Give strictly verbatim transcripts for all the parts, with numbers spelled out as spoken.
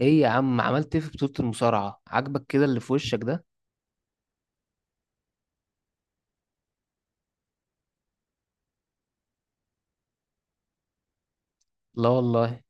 ايه يا عم، عملت ايه في بطولة المصارعة؟ عاجبك كده اللي في وشك ده؟ لا والله.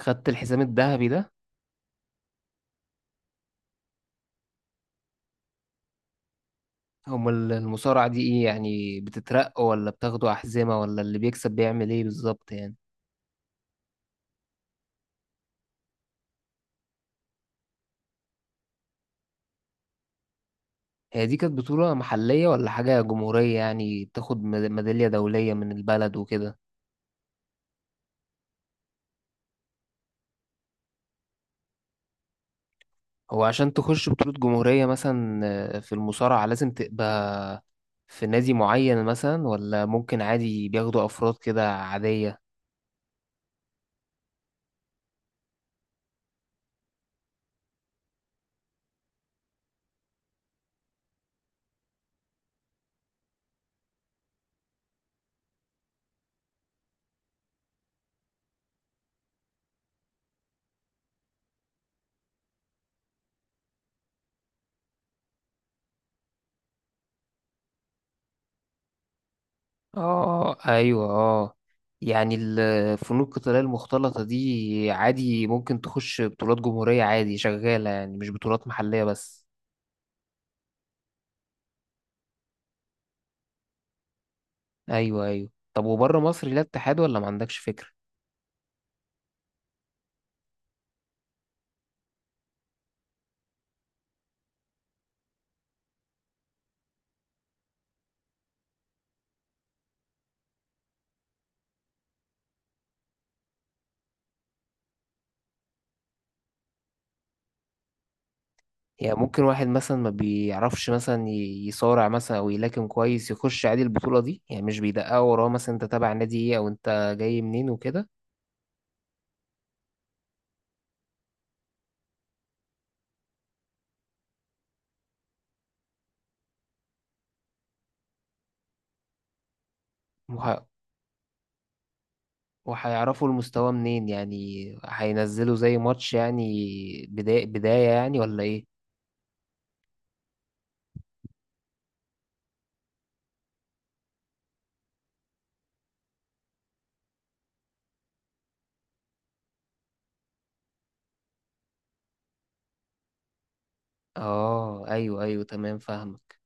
خدت الحزام الذهبي ده؟ هم ال- المصارعة دي ايه يعني، بتترقى ولا بتاخدوا أحزمة، ولا اللي بيكسب بيعمل ايه بالظبط يعني؟ هي دي كانت بطولة محلية ولا حاجة جمهورية، يعني بتاخد ميد- ميدالية دولية من البلد وكده؟ هو عشان تخش بطولة جمهورية مثلا، آه، في المصارعة لازم تبقى في نادي معين مثلا، ولا ممكن عادي بياخدوا أفراد كده عادية؟ اه، اه، ايوه، اه. يعني الفنون القتالية المختلطة دي عادي ممكن تخش بطولات جمهورية عادي، شغالة يعني مش بطولات محلية بس؟ ايوه، ايوه. طب وبره مصر ليها اتحاد ولا ما عندكش فكرة؟ يعني ممكن واحد مثلا ما بيعرفش مثلا ي- يصارع مثلا او يلاكم كويس، يخش عادي البطولة دي؟ يعني مش بيدققوا وراه مثلا انت تابع نادي ايه او انت جاي منين وكده؟ وه- وهيعرفوا المستوى منين يعني؟ هينزلوا زي ماتش يعني، بداية بداية يعني ولا ايه؟ اه، ايوه، ايوه، تمام، فاهمك.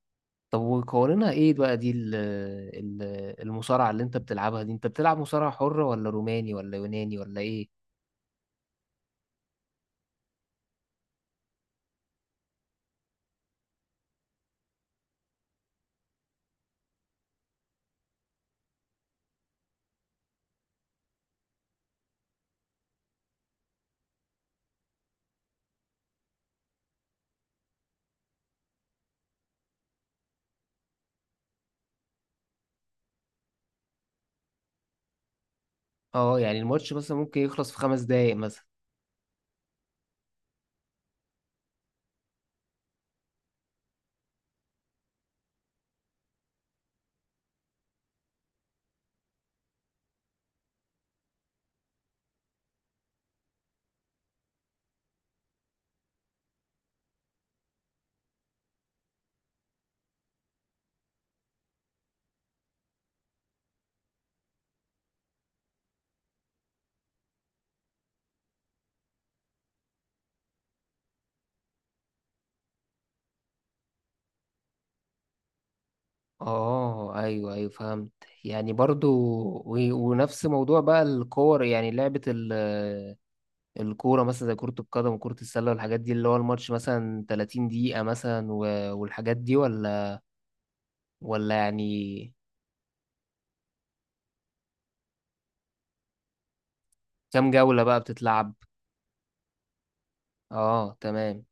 طب وقوانينها ايه بقى؟ دي ال- ال- المصارعة اللي انت بتلعبها دي، انت بتلعب مصارعة حرة ولا روماني ولا يوناني ولا ايه؟ اه. يعني الماتش مثلا ممكن يخلص في خمس دقايق مثلا؟ اه، ايوه، ايوه، فهمت. يعني برضو و- ونفس موضوع بقى الكور، يعني لعبة ال- الكورة مثلا زي كرة القدم وكرة السلة والحاجات دي، اللي هو الماتش مثلا 30 دقيقة مثلا و- والحاجات دي ولا ولا يعني؟ كام جولة بقى بتتلعب؟ اه، تمام.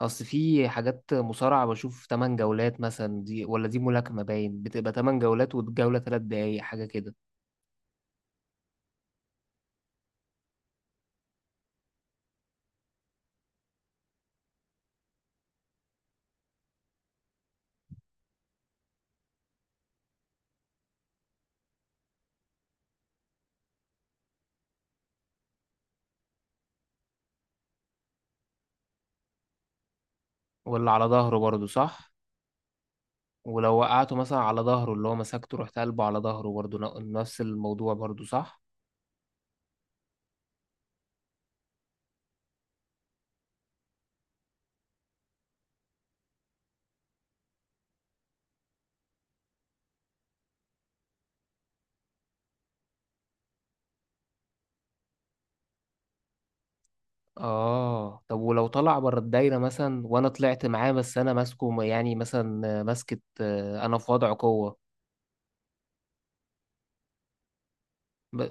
اصل في حاجات مصارعة بشوف 8 جولات مثلا. دي ولا دي ملاكمة باين، بتبقى 8 جولات والجولة 3 دقايق حاجة كده. ولا على ظهره برضه صح؟ ولو وقعته مثلا على ظهره، اللي هو مسكته رحت قلبه على ظهره، برضه ن- نفس الموضوع برضه صح؟ اه. طب ولو طلع بره الدايرة مثلا وانا طلعت معاه، بس انا ماسكه يعني، مثلا ماسكة آه، انا في وضع قوة؟ ب...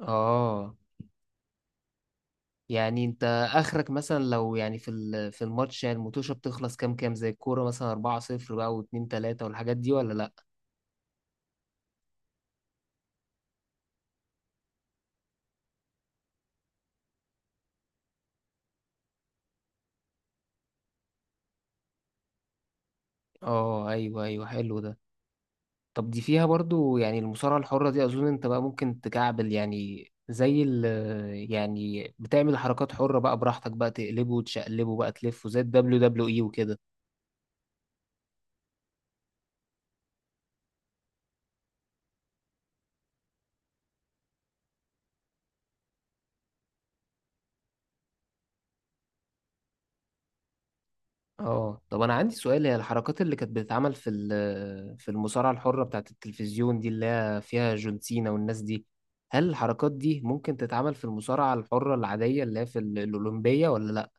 اه. يعني انت اخرك مثلا لو يعني في ال- في الماتش، يعني الموتوشه بتخلص كام كام زي الكوره مثلا أربعة صفر بقى واتنين تلاتة والحاجات دي ولا لا؟ اه، ايوه، ايوه، حلو ده. طب دي فيها برضو يعني المصارعه الحره دي، اظن انت بقى ممكن تكعبل يعني زي ال يعني بتعمل حركات حره بقى براحتك، بقى تقلبه وتشقلبه بقى تلفه زي الدبليو دبليو اي وكده؟ اه. طب انا عندي سؤال، هي الحركات اللي كانت بتتعمل في ال- في المصارعه الحره بتاعت التلفزيون دي، اللي هي فيها جون سينا والناس دي، هل الحركات دي ممكن تتعمل في المصارعه الحره العاديه اللي هي في ال- الاولمبيه ولا لا؟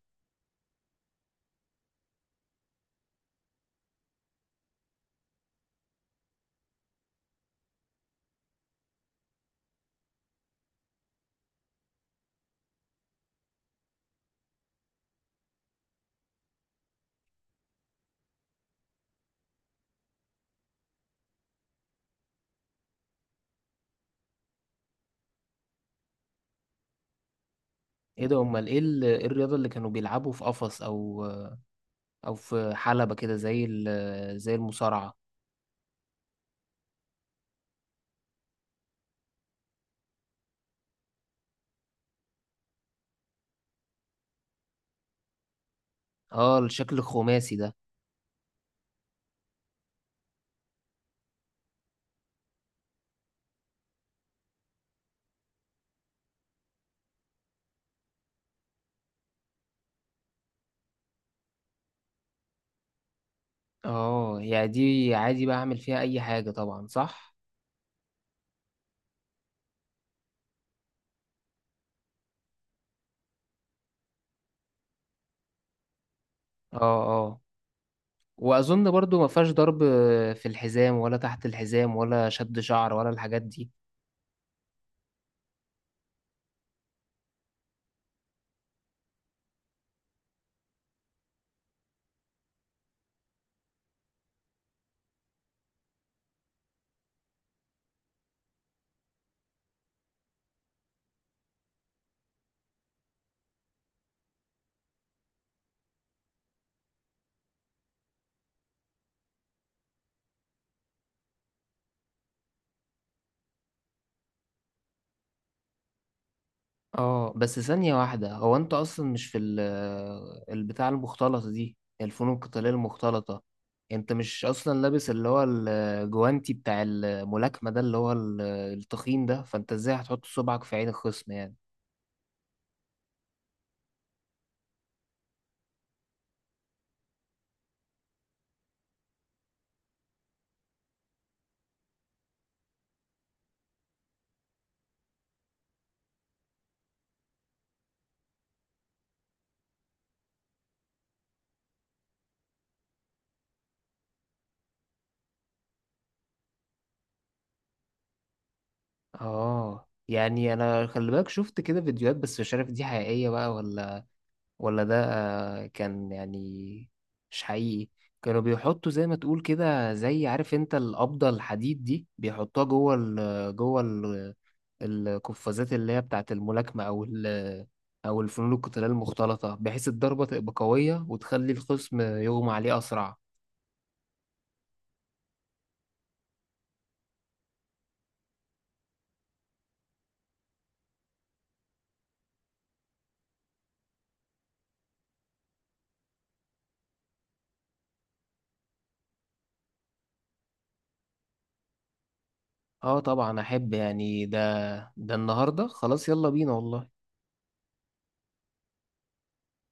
ايه ده، امال ايه ال- إيه الرياضه اللي كانوا بيلعبوا في قفص او او في حلبه كده زي ال- زي المصارعه؟ اه، الشكل الخماسي ده. اه، يعني دي عادي بقى اعمل فيها اي حاجه طبعا صح؟ اه، اه، واظن برضو ما فيهاش ضرب في الحزام ولا تحت الحزام ولا شد شعر ولا الحاجات دي؟ اه، بس ثانية واحدة. هو انت اصلا مش في ال- البتاع المختلطة دي، الفنون القتالية المختلطة، انت مش اصلا لابس اللي هو الجوانتي بتاع الملاكمة ده، اللي هو ال- التخين ده، فانت ازاي هتحط صبعك في عين الخصم يعني؟ اه. يعني انا خلي بالك شفت كده فيديوهات، بس مش عارف دي حقيقية بقى ولا ولا ده آه، كان يعني مش حقيقي. كانوا بيحطوا زي ما تقول كده، زي عارف انت القبضة الحديد دي، بيحطوها جوه ال جوه ال القفازات اللي هي بتاعة الملاكمة أو ال أو الفنون القتالية المختلطة، بحيث الضربة تبقى قوية وتخلي الخصم يغمى عليه أسرع. اه، طبعا أحب يعني، ده ده النهاردة، خلاص يلا بينا والله.